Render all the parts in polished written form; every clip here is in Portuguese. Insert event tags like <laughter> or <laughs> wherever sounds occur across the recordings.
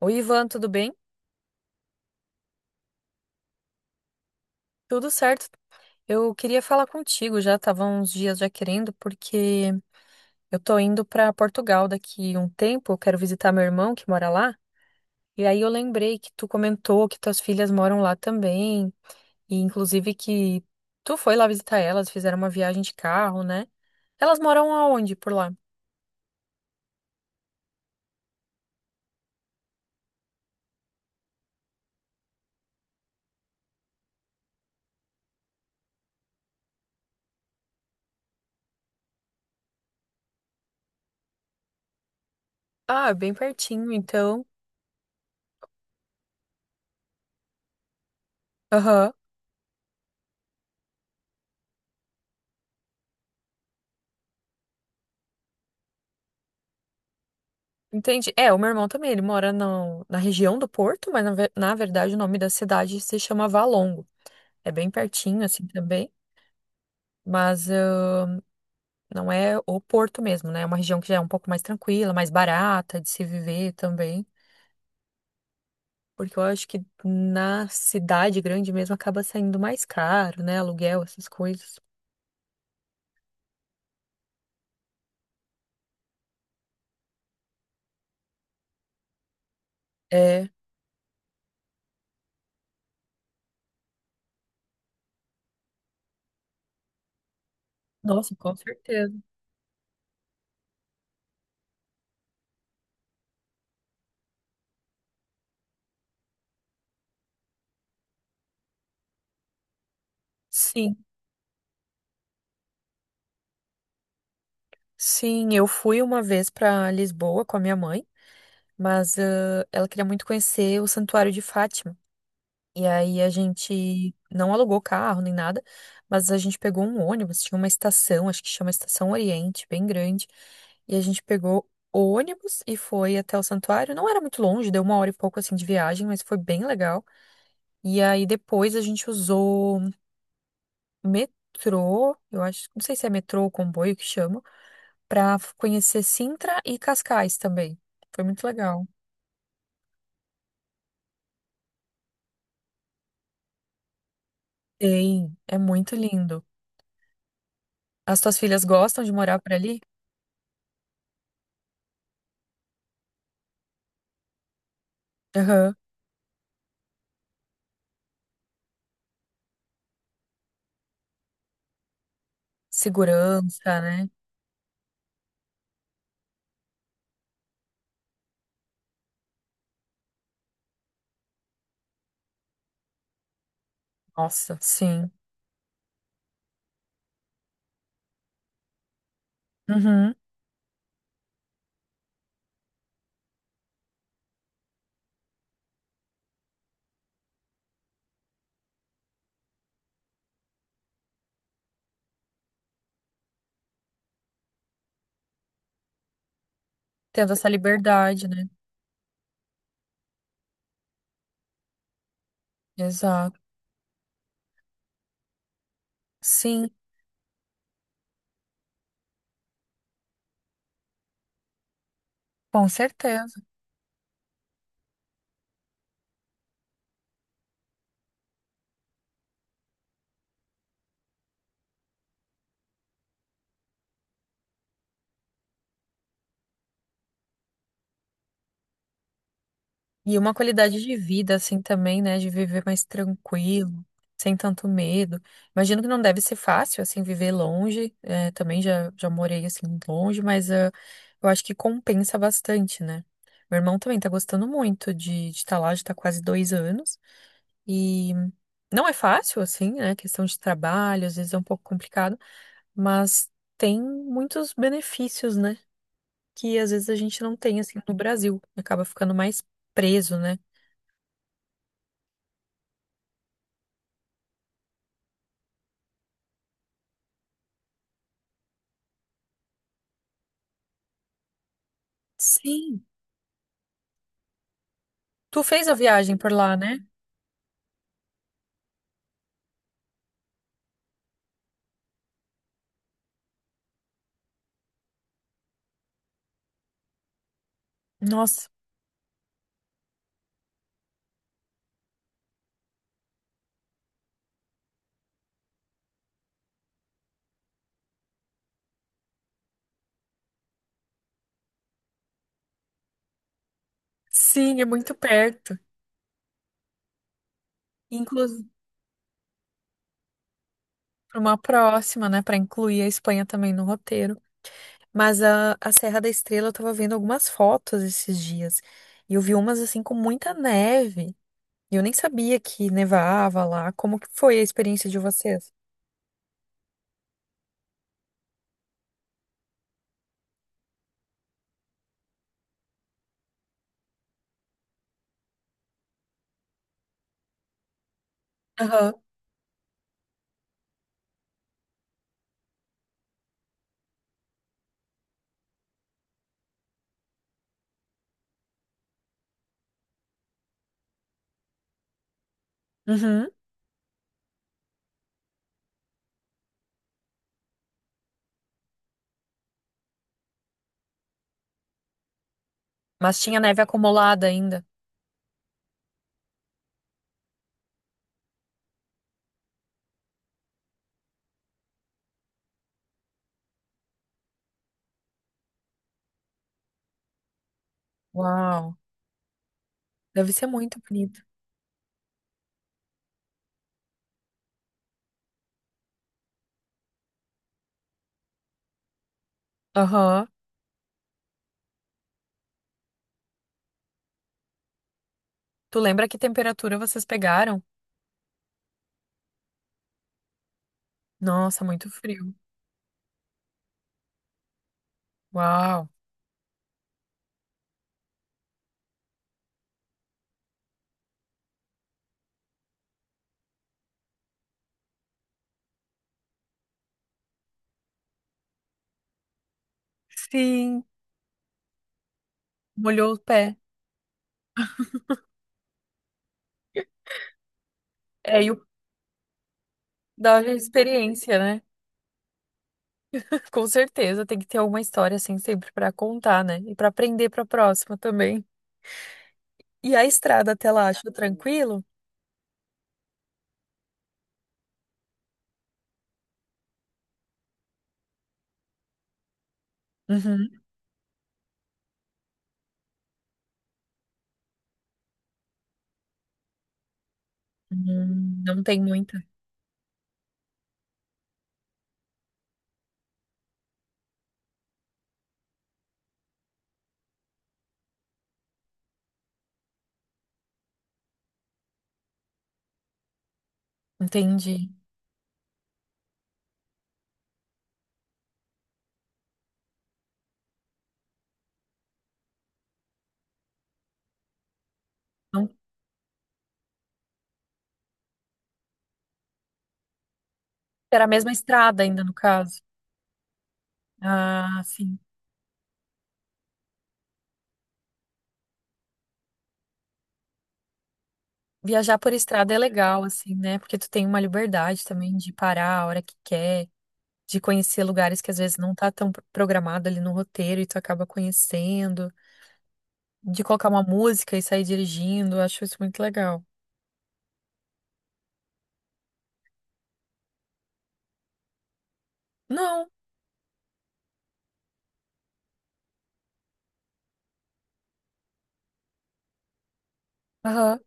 Oi, Ivan, tudo bem? Tudo certo. Eu queria falar contigo, já estava uns dias já querendo, porque eu tô indo para Portugal daqui um tempo, eu quero visitar meu irmão que mora lá. E aí eu lembrei que tu comentou que tuas filhas moram lá também, e inclusive que tu foi lá visitar elas, fizeram uma viagem de carro, né? Elas moram aonde por lá? Ah, é bem pertinho, então. Aham. Entendi. É, o meu irmão também, ele mora na região do Porto, mas na, na verdade o nome da cidade se chama Valongo. É bem pertinho, assim, também. Mas não é o Porto mesmo, né? É uma região que já é um pouco mais tranquila, mais barata de se viver também. Porque eu acho que na cidade grande mesmo acaba saindo mais caro, né? Aluguel, essas coisas. É. Nossa, com certeza. Sim, sim. Eu fui uma vez para Lisboa com a minha mãe, mas ela queria muito conhecer o Santuário de Fátima. E aí a gente não alugou carro nem nada, mas a gente pegou um ônibus, tinha uma estação, acho que chama Estação Oriente, bem grande. E a gente pegou o ônibus e foi até o santuário. Não era muito longe, deu uma hora e pouco assim de viagem, mas foi bem legal. E aí depois a gente usou metrô, eu acho, não sei se é metrô ou comboio que chama, pra conhecer Sintra e Cascais também. Foi muito legal. Tem, é muito lindo. As tuas filhas gostam de morar por ali? Aham. Segurança, né? Nossa, sim. Uhum. Tendo essa liberdade, né? Exato. Sim, com certeza. E uma qualidade de vida, assim, também, né? De viver mais tranquilo, sem tanto medo. Imagino que não deve ser fácil, assim, viver longe. É, também já, já morei, assim, longe, mas eu acho que compensa bastante, né? Meu irmão também tá gostando muito de estar lá, já tá quase 2 anos. E não é fácil, assim, né? Questão de trabalho, às vezes é um pouco complicado. Mas tem muitos benefícios, né? Que às vezes a gente não tem, assim, no Brasil. Acaba ficando mais preso, né? Sim, tu fez a viagem por lá, né? Nossa, sim, é muito perto. Inclusive, para uma próxima, né? Para incluir a Espanha também no roteiro. Mas a Serra da Estrela, eu tava vendo algumas fotos esses dias. E eu vi umas, assim, com muita neve. E eu nem sabia que nevava lá. Como que foi a experiência de vocês? Aham. Uhum. Mas tinha neve acumulada ainda. Uau, deve ser muito bonito. Aham. Tu lembra que temperatura vocês pegaram? Nossa, muito frio. Uau. Sim, molhou o pé. É, e o da experiência, né? <laughs> Com certeza tem que ter alguma história assim sempre pra contar, né? E pra aprender pra próxima também. E a estrada até lá, achou tranquilo? Uhum. Não tem muita. Entendi. Não era a mesma estrada ainda no caso. Ah, sim. Viajar por estrada é legal, assim, né? Porque tu tem uma liberdade também de parar a hora que quer, de conhecer lugares que às vezes não tá tão programado ali no roteiro e tu acaba conhecendo, de colocar uma música e sair dirigindo, eu acho isso muito legal. Não, aham.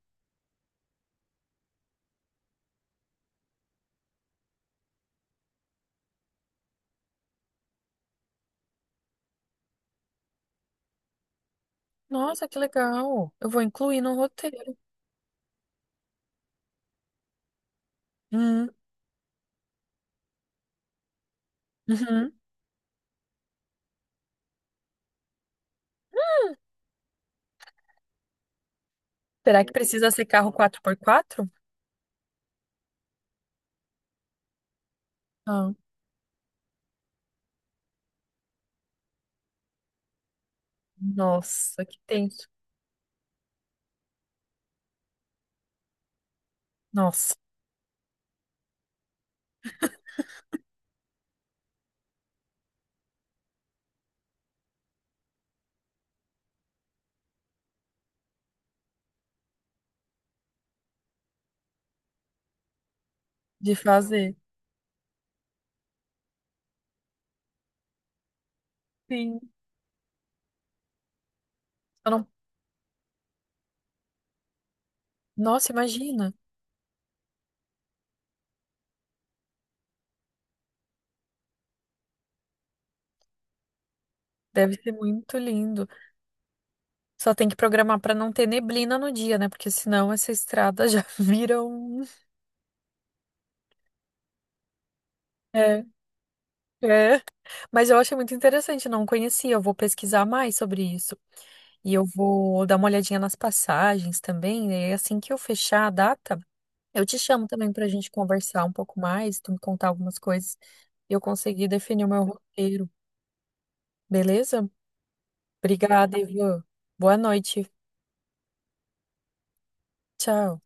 Nossa, que legal. Eu vou incluir no roteiro. Hum, uhum. Será que precisa ser carro quatro por quatro? Ah, nossa, que tenso. Nossa, de fazer. Sim. Eu não... Nossa, imagina. Deve ser muito lindo. Só tem que programar pra não ter neblina no dia, né? Porque senão essa estrada já <laughs> vira um. É, é. Mas eu achei muito interessante, não conhecia. Eu vou pesquisar mais sobre isso. E eu vou dar uma olhadinha nas passagens também, né? E assim que eu fechar a data, eu te chamo também pra gente conversar um pouco mais, tu me contar algumas coisas e eu conseguir definir o meu roteiro, beleza? Obrigada, Ivan. Boa noite. Tchau.